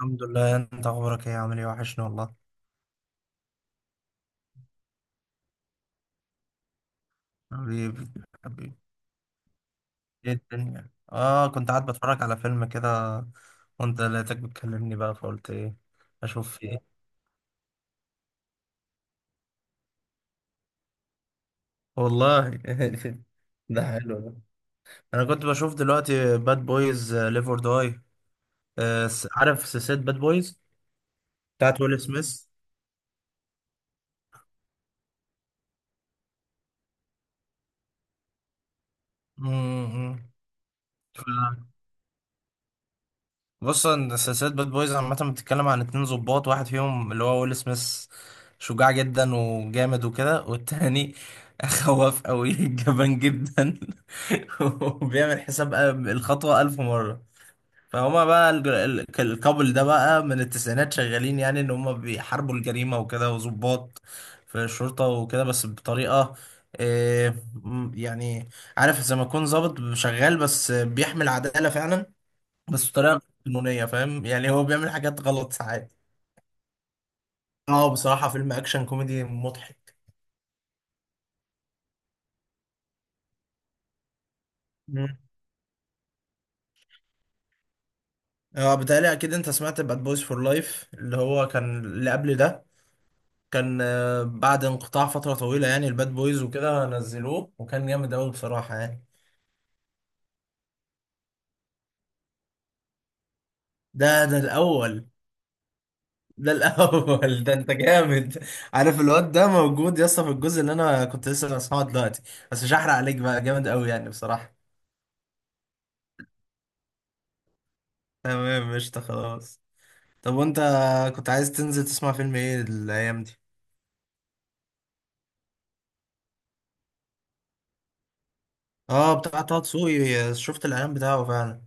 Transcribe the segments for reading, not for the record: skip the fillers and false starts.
الحمد لله. انت اخبارك ايه، عامل ايه؟ وحشني والله. حبيبي، حبيبي. ايه الدنيا؟ اه كنت قاعد بتفرج على فيلم كده، وانت لقيتك بتكلمني بقى فقلت ايه، اشوف في ايه. والله. ده حلو ده. انا كنت بشوف دلوقتي باد بويز ليفر داي. عارف سلسلة باد بويز بتاعت ويل سميث؟ مم، مم. بص، ان سلسله باد بويز عامه بتتكلم عن اتنين ظباط. واحد فيهم اللي هو ويل سميث شجاع جدا وجامد وكده، والتاني خواف قوي جبان جدا وبيعمل حساب الخطوه ألف مره. فهما بقى الكابل ده بقى من التسعينات شغالين، يعني ان هما بيحاربوا الجريمه وكده، وظباط في الشرطه وكده، بس بطريقه، يعني عارف زي ما يكون ظابط شغال بس بيحمل عداله فعلا، بس بطريقه غير قانونيه، فاهم يعني. هو بيعمل حاجات غلط ساعات. اه، بصراحة فيلم اكشن كوميدي مضحك. مم. اه، بتهيألي اكيد انت سمعت باد بويز فور لايف اللي هو كان اللي قبل ده. كان بعد انقطاع فتره طويله يعني الباد بويز وكده نزلوه، وكان جامد قوي بصراحه يعني. ده الاول. ده الاول. ده انت جامد. عارف الواد ده موجود يا اسطى في الجزء اللي انا كنت لسه بسمعه دلوقتي، بس مش هحرق عليك. بقى جامد قوي يعني بصراحه. تمام، قشطة، خلاص. طب وانت كنت عايز تنزل تسمع فيلم ايه الايام دي؟ اه، بتاع طه دسوقي، شفت الاعلان بتاعه فعلا.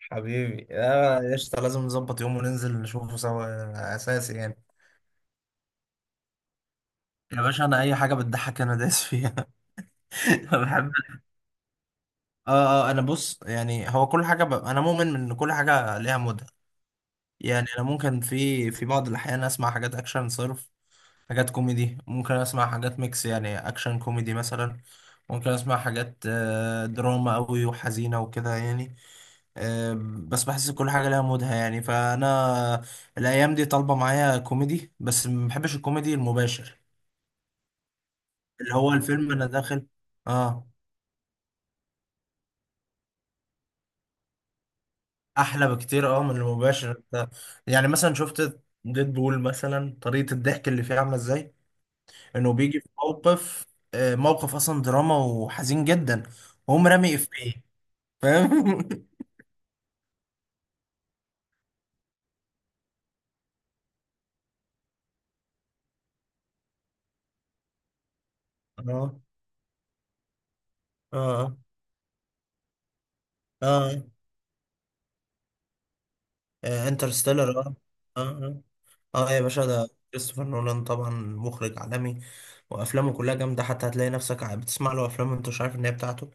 حبيبي، يا قشطة. لازم نظبط يوم وننزل نشوفه سوا اساسي يعني. يا باشا، انا اي حاجه بتضحك انا دايس فيها. أنا بحب. اه، اه، انا بص، يعني هو كل حاجه انا مؤمن ان كل حاجه ليها مودها. يعني انا ممكن في بعض الاحيان اسمع حاجات اكشن صرف، حاجات كوميدي، ممكن اسمع حاجات ميكس يعني اكشن كوميدي مثلا، ممكن اسمع حاجات دراما قوي وحزينه وكده يعني. بس بحس كل حاجة لها مودها يعني. فأنا الأيام دي طالبة معايا كوميدي، بس ما بحبش الكوميدي المباشر. اللي هو الفيلم أنا داخل آه أحلى بكتير أه من المباشر. يعني مثلا شفت ديد بول مثلا، طريقة الضحك اللي فيه عاملة إزاي. إنه بيجي في موقف موقف أصلا دراما وحزين جدا، وهم رامي إفيه. فاهم. آه، آه، آه، انترستيلر، Interstellar، آه. آه. اه يا باشا، ده كريستوفر نولان طبعا مخرج عالمي، وافلامه كلها جامده. حتى هتلاقي نفسك بتسمع له افلام انت مش عارف ان هي بتاعته.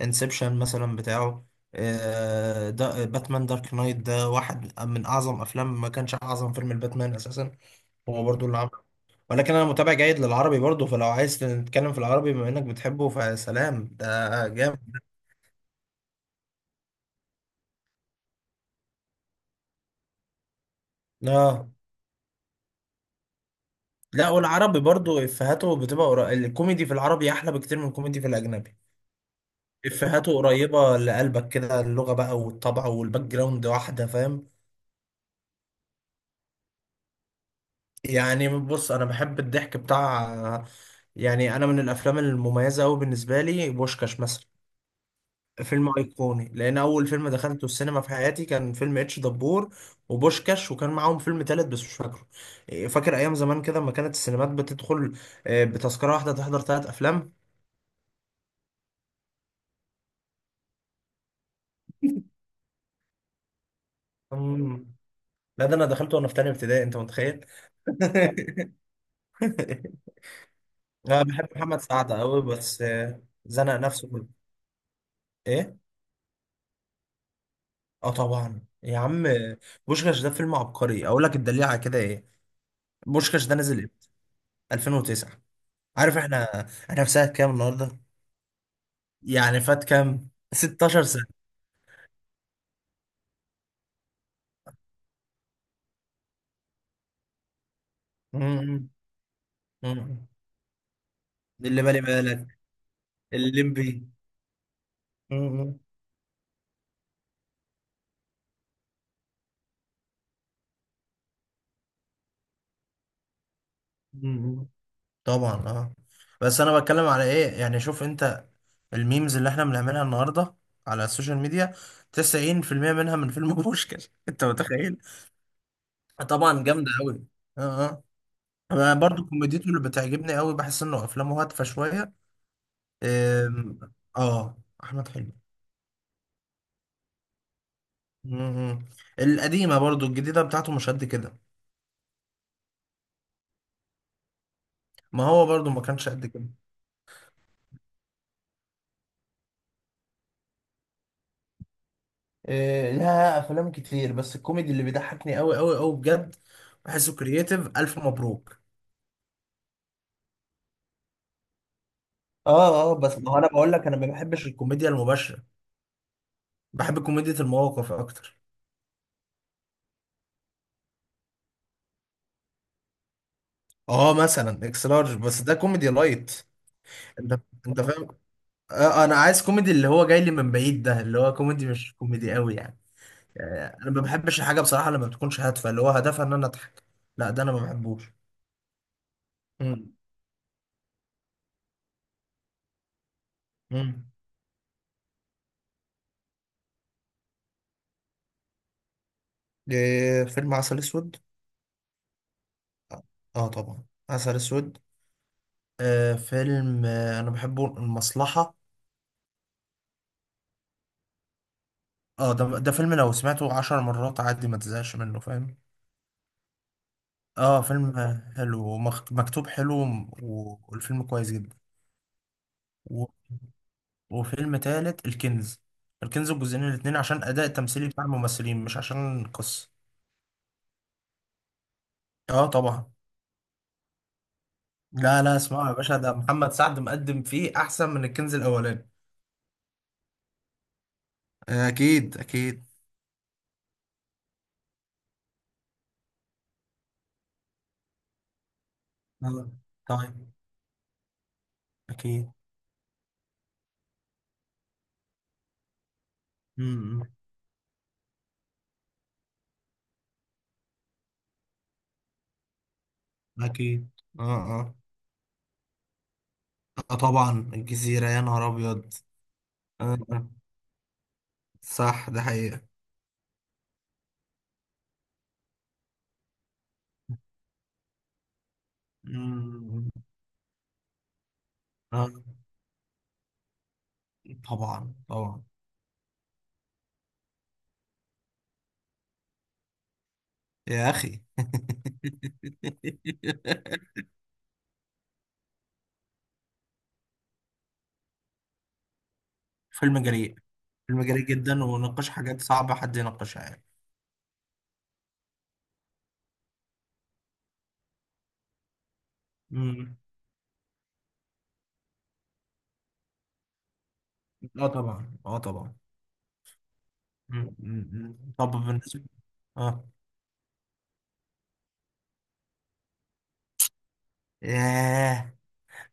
انسبشن مثلا بتاعه، ده باتمان دارك نايت ده واحد من اعظم افلام. ما كانش اعظم فيلم الباتمان اساسا، هو برضو اللي عمله. ولكن انا متابع جيد للعربي برضو، فلو عايز نتكلم في العربي بما انك بتحبه، فسلام ده جامد. اه. لا، والعربي برضو افهاته بتبقى الكوميدي في العربي احلى بكتير من الكوميدي في الاجنبي. افهاته قريبة لقلبك كده، اللغة بقى والطبع والباك جراوند واحدة، فاهم. يعني بص، انا بحب الضحك بتاع، يعني انا من الافلام المميزة قوي بالنسبة لي بوشكاش مثلا. فيلم ايقوني، لان اول فيلم دخلته السينما في حياتي كان فيلم اتش دبور وبوشكاش، وكان معاهم فيلم تالت بس مش فاكره. فاكر ايام زمان كده لما كانت السينمات بتدخل بتذكرة واحدة تحضر ثلاث افلام. مم. لا، ده انا دخلته وانا في تانية ابتدائي، انت متخيل؟ انا بحب محمد سعد قوي، بس زنق نفسه في ايه. اه طبعا يا عم. بوشكاش ده فيلم عبقري، اقول لك الدليل على كده ايه. بوشكاش ده نزل امتى؟ 2009. عارف احنا في سنه كام النهارده؟ يعني فات كام، 16 سنه. مم. مم. اللي بالي بالك، الليمبي. مم. مم. طبعا، اه. بس انا بتكلم على ايه، يعني شوف انت الميمز اللي احنا بنعملها النهارده على السوشيال ميديا، 90% منها من فيلم بوشكاش. انت متخيل. طبعا جامده قوي. اه، اه. انا برضو كوميديته اللي بتعجبني قوي، بحس انه افلامه هادفه شويه. أم، اه، احمد حلمي. مم. القديمه، برضو الجديده بتاعته مش قد كده. ما هو برضو ما كانش قد كده. إيه، لها افلام كتير، بس الكوميدي اللي بيضحكني قوي قوي قوي بجد، بحسه كرييتيف الف مبروك. اه، اه، بس ما هو انا بقول لك، انا ما بحبش الكوميديا المباشره. بحب كوميديا المواقف اكتر. اه، مثلا اكس لارج، بس ده كوميدي لايت. انت، فاهم. انا عايز كوميدي اللي هو جاي لي من بعيد، ده اللي هو كوميدي، مش كوميدي قوي يعني. انا ما بحبش الحاجه بصراحه لما بتكونش هادفه، اللي هو هدفها ان انا اضحك. لا، ده انا ما بحبوش. امم. امم. إيه، فيلم عسل اسود. اه طبعا، عسل اسود. فيلم، انا بحبه، المصلحه. اه، ده فيلم لو سمعته عشر مرات عادي ما تزهقش منه، فاهم. اه، فيلم حلو، ومكتوب حلو. والفيلم كويس جدا. وفيلم تالت، الكنز، الجزئين الاتنين، عشان أداء التمثيلي بتاع الممثلين مش عشان القصة. اه طبعا. لا، لا، اسمعوا يا باشا، ده محمد سعد مقدم فيه أحسن من الكنز الأولاني. اكيد، اكيد. آه، طيب. أكيد. امم. أكيد. اه، اه، طبعا الجزيرة، يا نهار أبيض. آه، آه، صح ده حقيقة. أمم، آه، طبعا طبعا. يا اخي. فيلم جريء. فيلم جريء جدا، وناقش حاجات صعبة حد يناقشها يعني. امم. اه طبعا، اه طبعا. مم. امم، طب بالنسبة، اه، ياه.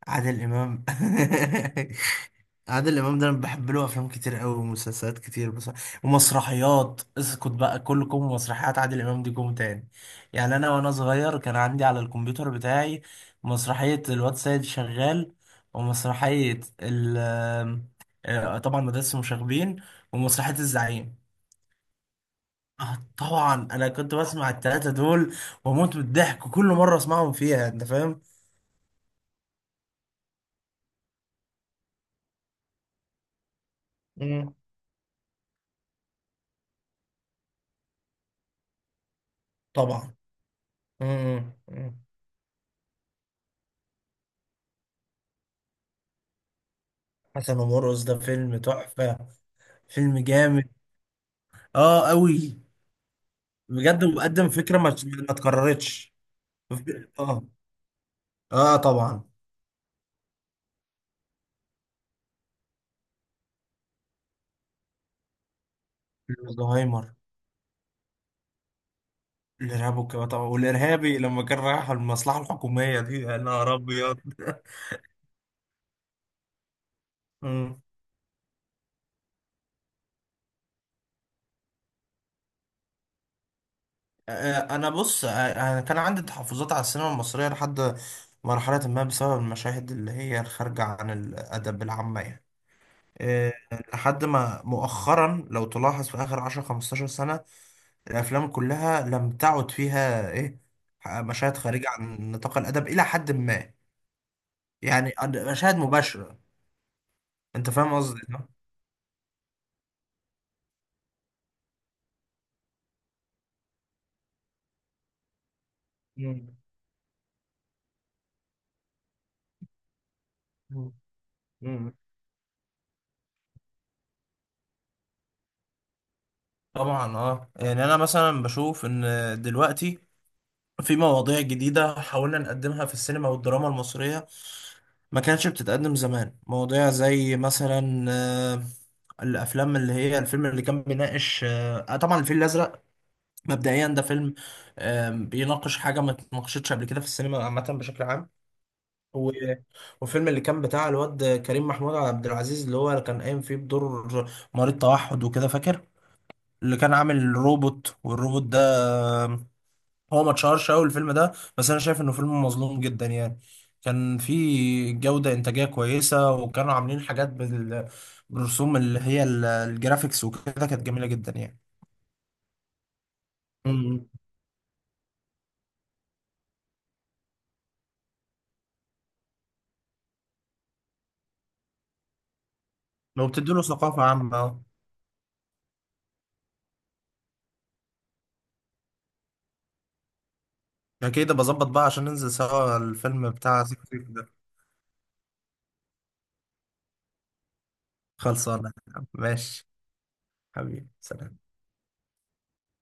عادل امام. عادل امام ده انا بحب له افلام كتير قوي ومسلسلات كتير، بس. ومسرحيات، اسكت بقى. كلكم مسرحيات عادل امام دي كوم تاني. يعني انا وانا صغير كان عندي على الكمبيوتر بتاعي مسرحية الواد سيد شغال، ومسرحية طبعا، مدرسة المشاغبين، ومسرحية الزعيم. اه طبعا، انا كنت بسمع التلاتة دول واموت من الضحك، وكل مرة اسمعهم فيها انت فاهم. مم. طبعا. مم. حسن ومرقص، ده فيلم تحفة. فيلم جامد. اه، قوي. بجد، وبقدم فكرة ما اتكررتش. اه. اه طبعا. الزهايمر. الارهاب والكباب طبعا، والارهابي لما كان رايح المصلحة الحكومية دي، يا نهار ابيض. مم. انا بص. انا كان عندي تحفظات على السينما المصرية لحد مرحلة ما، بسبب المشاهد اللي هي الخارجة عن الأدب العامة يعني. آه، لحد ما مؤخرا، لو تلاحظ في آخر 10 15 سنة الافلام كلها لم تعد فيها ايه، مشاهد خارجه عن نطاق الادب الى حد ما، يعني مشاهد مباشره. انت فاهم قصدي صح؟ مم. مم. مم. طبعا اه، يعني انا مثلا بشوف ان دلوقتي في مواضيع جديدة حاولنا نقدمها في السينما والدراما المصرية، ما كانتش بتتقدم زمان. مواضيع زي مثلا الافلام اللي هي الفيلم اللي كان بيناقش، طبعا الفيل الازرق. مبدئيا ده فيلم بيناقش حاجة ما اتناقشتش قبل كده في السينما عامة بشكل عام. و... وفيلم اللي كان بتاع الواد كريم محمود عبد العزيز، اللي هو اللي كان قايم فيه بدور مريض توحد وكده، فاكر. اللي كان عامل روبوت، والروبوت ده آم، هو ما اتشهرش قوي الفيلم ده، بس انا شايف انه فيلم مظلوم جدا يعني. كان فيه جودة إنتاجية كويسة، وكانوا عاملين حاجات بالرسوم اللي هي الجرافيكس وكده، كانت جميلة جدا يعني. امم. وبتديله ثقافة عامة. انا كده بظبط بقى عشان ننزل سوا الفيلم بتاع سيكو سيكو ده. خلصانة. ماشي. حبيبي سلام.